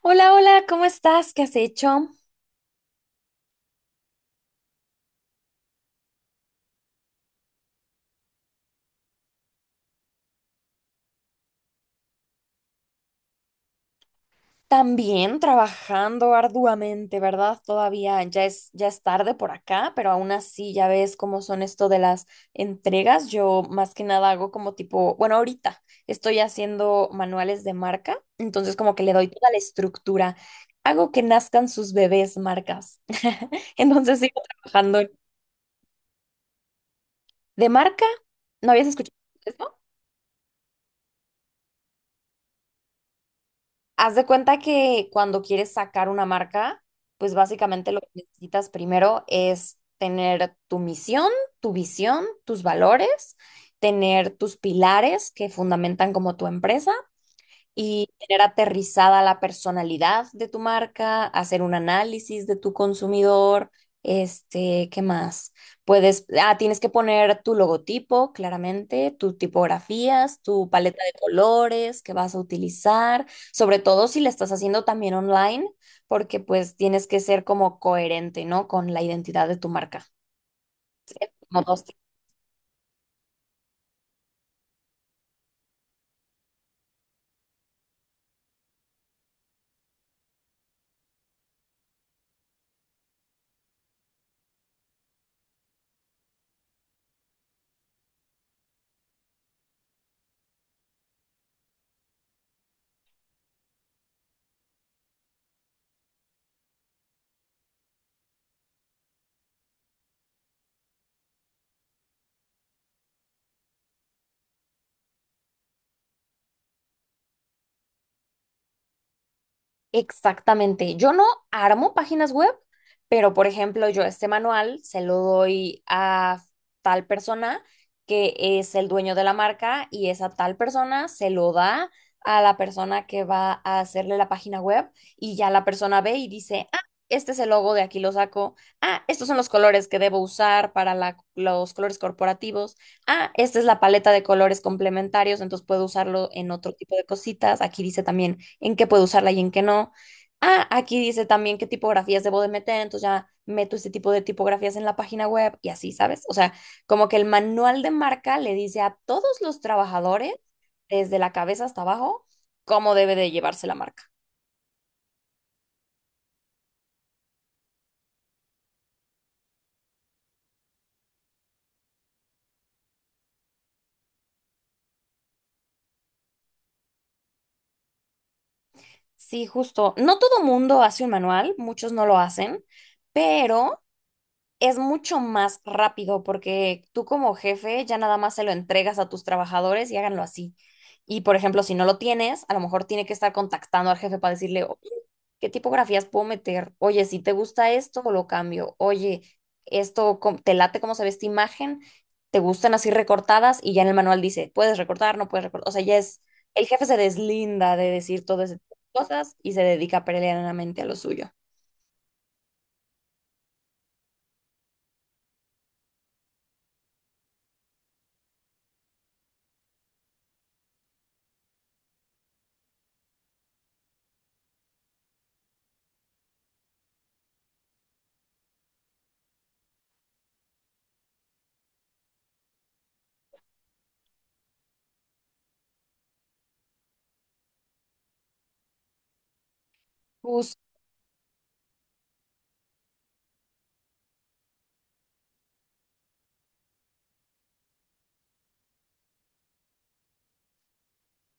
Hola, hola, ¿cómo estás? ¿Qué has hecho? También trabajando arduamente, ¿verdad? Todavía ya es tarde por acá, pero aún así ya ves cómo son esto de las entregas. Yo más que nada hago como tipo, bueno, ahorita estoy haciendo manuales de marca, entonces como que le doy toda la estructura. Hago que nazcan sus bebés marcas. Entonces sigo trabajando de marca. ¿No habías escuchado eso? Haz de cuenta que cuando quieres sacar una marca, pues básicamente lo que necesitas primero es tener tu misión, tu visión, tus valores, tener tus pilares que fundamentan como tu empresa y tener aterrizada la personalidad de tu marca, hacer un análisis de tu consumidor, ¿qué más? Tienes que poner tu logotipo, claramente, tus tipografías, tu paleta de colores que vas a utilizar, sobre todo si la estás haciendo también online, porque pues tienes que ser como coherente, ¿no? Con la identidad de tu marca. No dos. Exactamente. Yo no armo páginas web, pero por ejemplo, yo este manual se lo doy a tal persona que es el dueño de la marca y esa tal persona se lo da a la persona que va a hacerle la página web y ya la persona ve y dice, ah, este es el logo, de aquí lo saco. Ah, estos son los colores que debo usar para los colores corporativos. Ah, esta es la paleta de colores complementarios, entonces puedo usarlo en otro tipo de cositas. Aquí dice también en qué puedo usarla y en qué no. Ah, aquí dice también qué tipografías debo de meter, entonces ya meto este tipo de tipografías en la página web y así, ¿sabes? O sea, como que el manual de marca le dice a todos los trabajadores, desde la cabeza hasta abajo, cómo debe de llevarse la marca. Sí, justo. No todo mundo hace un manual, muchos no lo hacen, pero es mucho más rápido porque tú como jefe ya nada más se lo entregas a tus trabajadores y háganlo así. Y por ejemplo, si no lo tienes, a lo mejor tiene que estar contactando al jefe para decirle, oye, ¿qué tipografías puedo meter? Oye, si te gusta esto, lo cambio. Oye, te late cómo se ve esta imagen, te gustan así recortadas y ya en el manual dice, puedes recortar, no puedes recortar. O sea, ya es, el jefe se deslinda de decir todas esas cosas y se dedica plenamente a lo suyo.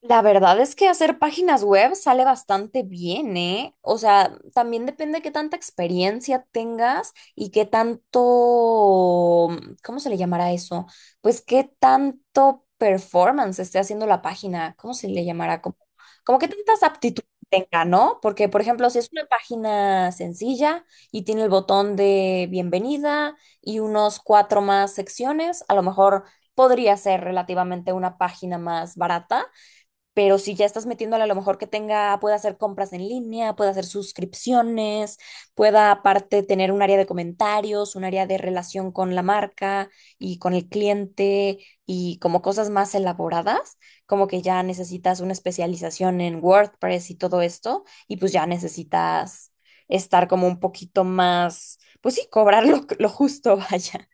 La verdad es que hacer páginas web sale bastante bien, ¿eh? O sea, también depende de qué tanta experiencia tengas y qué tanto, ¿cómo se le llamará eso? Pues qué tanto performance esté haciendo la página, ¿cómo se le llamará? Como, como qué tantas aptitudes tenga, ¿no? Porque, por ejemplo, si es una página sencilla y tiene el botón de bienvenida y unos cuatro más secciones, a lo mejor podría ser relativamente una página más barata, pero si ya estás metiéndole a lo mejor que tenga, pueda hacer compras en línea, pueda hacer suscripciones, pueda aparte tener un área de comentarios, un área de relación con la marca y con el cliente y como cosas más elaboradas, como que ya necesitas una especialización en WordPress y todo esto, y pues ya necesitas estar como un poquito más, pues sí, cobrar lo justo, vaya.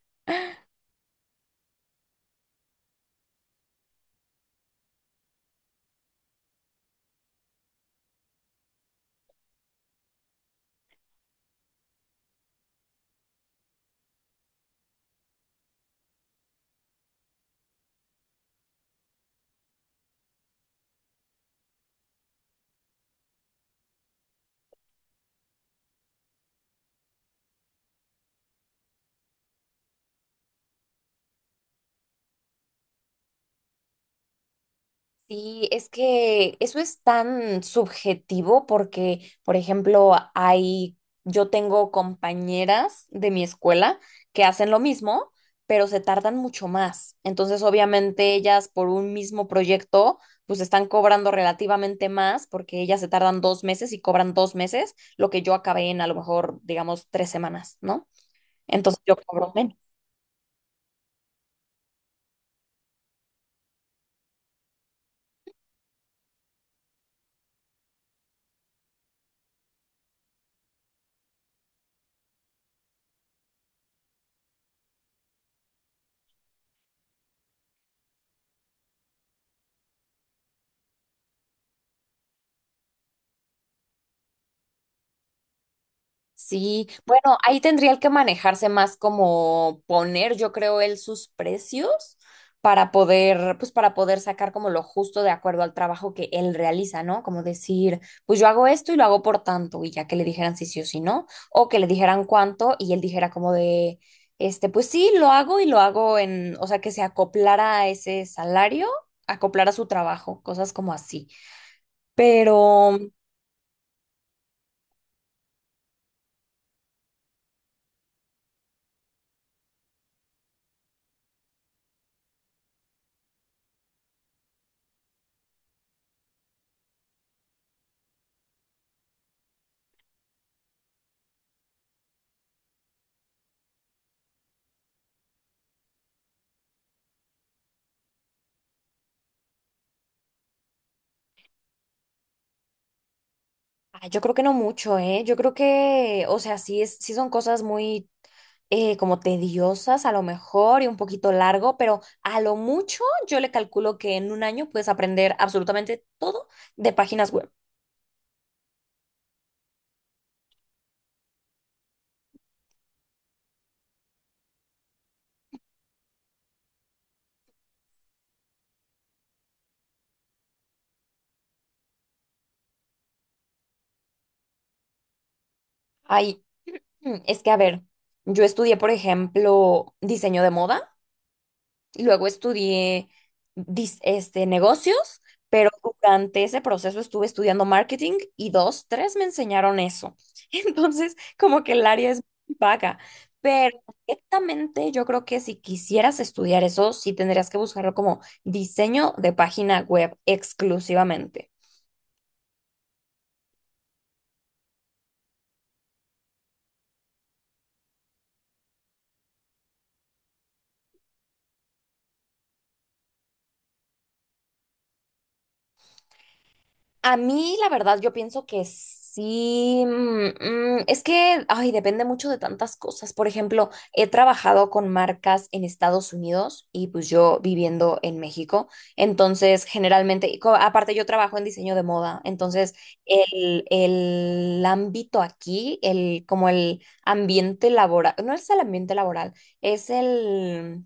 Sí, es que eso es tan subjetivo porque, por ejemplo, hay, yo tengo compañeras de mi escuela que hacen lo mismo, pero se tardan mucho más. Entonces, obviamente, ellas por un mismo proyecto, pues están cobrando relativamente más porque ellas se tardan 2 meses y cobran 2 meses, lo que yo acabé en a lo mejor, digamos, 3 semanas, ¿no? Entonces, yo cobro menos. Sí, bueno, ahí tendría que manejarse más como poner, yo creo, él sus precios para poder, pues para poder sacar como lo justo de acuerdo al trabajo que él realiza, ¿no? Como decir, pues yo hago esto y lo hago por tanto, y ya que le dijeran si sí o si no, o que le dijeran cuánto y él dijera como de, pues sí, lo hago y lo hago en, o sea, que se acoplara a ese salario, acoplara su trabajo, cosas como así. Pero ah, yo creo que no mucho, ¿eh? Yo creo que, o sea, sí, es, sí son cosas muy como tediosas a lo mejor y un poquito largo, pero a lo mucho yo le calculo que en un año puedes aprender absolutamente todo de páginas web. Ay, es que a ver, yo estudié, por ejemplo, diseño de moda. Luego estudié negocios, pero durante ese proceso estuve estudiando marketing y dos, tres me enseñaron eso. Entonces, como que el área es muy vaga, pero directamente yo creo que si quisieras estudiar eso, sí tendrías que buscarlo como diseño de página web exclusivamente. A mí, la verdad, yo pienso que sí. Es que, ay, depende mucho de tantas cosas. Por ejemplo, he trabajado con marcas en Estados Unidos y pues yo viviendo en México. Entonces, generalmente, y aparte yo trabajo en diseño de moda. Entonces, el ámbito aquí, como el ambiente laboral, no es el ambiente laboral, es el...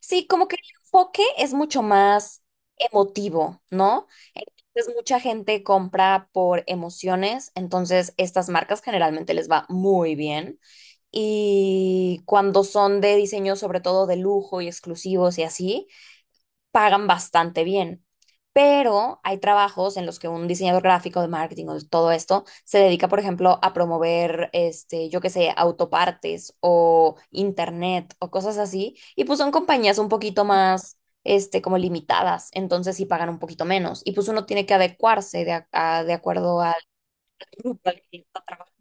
Sí, como que el enfoque es mucho más emotivo, ¿no? Entonces mucha gente compra por emociones, entonces estas marcas generalmente les va muy bien. Y cuando son de diseño, sobre todo de lujo y exclusivos y así, pagan bastante bien. Pero hay trabajos en los que un diseñador gráfico de marketing o de todo esto se dedica, por ejemplo, a promover, yo qué sé, autopartes o internet o cosas así. Y pues son compañías un poquito más, como limitadas. Entonces sí pagan un poquito menos. Y pues uno tiene que adecuarse de, de acuerdo al grupo al que está trabajando.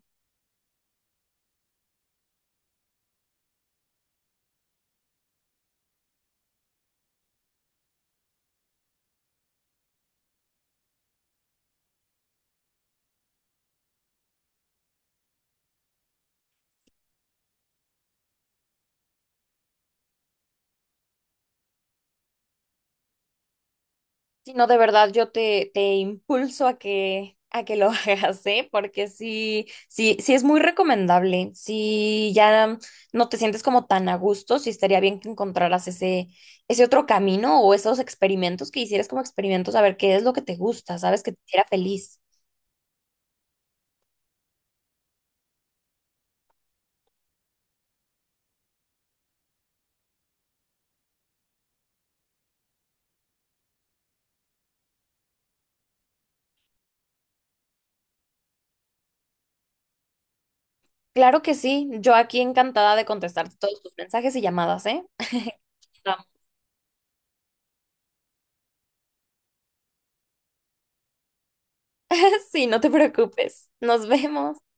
Si no, de verdad, yo te impulso a que lo hagas, ¿eh? Porque sí, sí, sí es muy recomendable. Si ya no te sientes como tan a gusto, sí estaría bien que encontraras ese otro camino o esos experimentos que hicieras como experimentos a ver qué es lo que te gusta, ¿sabes? Que te hiciera feliz. Claro que sí, yo aquí encantada de contestarte todos tus mensajes y llamadas, ¿eh? Sí, no te preocupes. Nos vemos.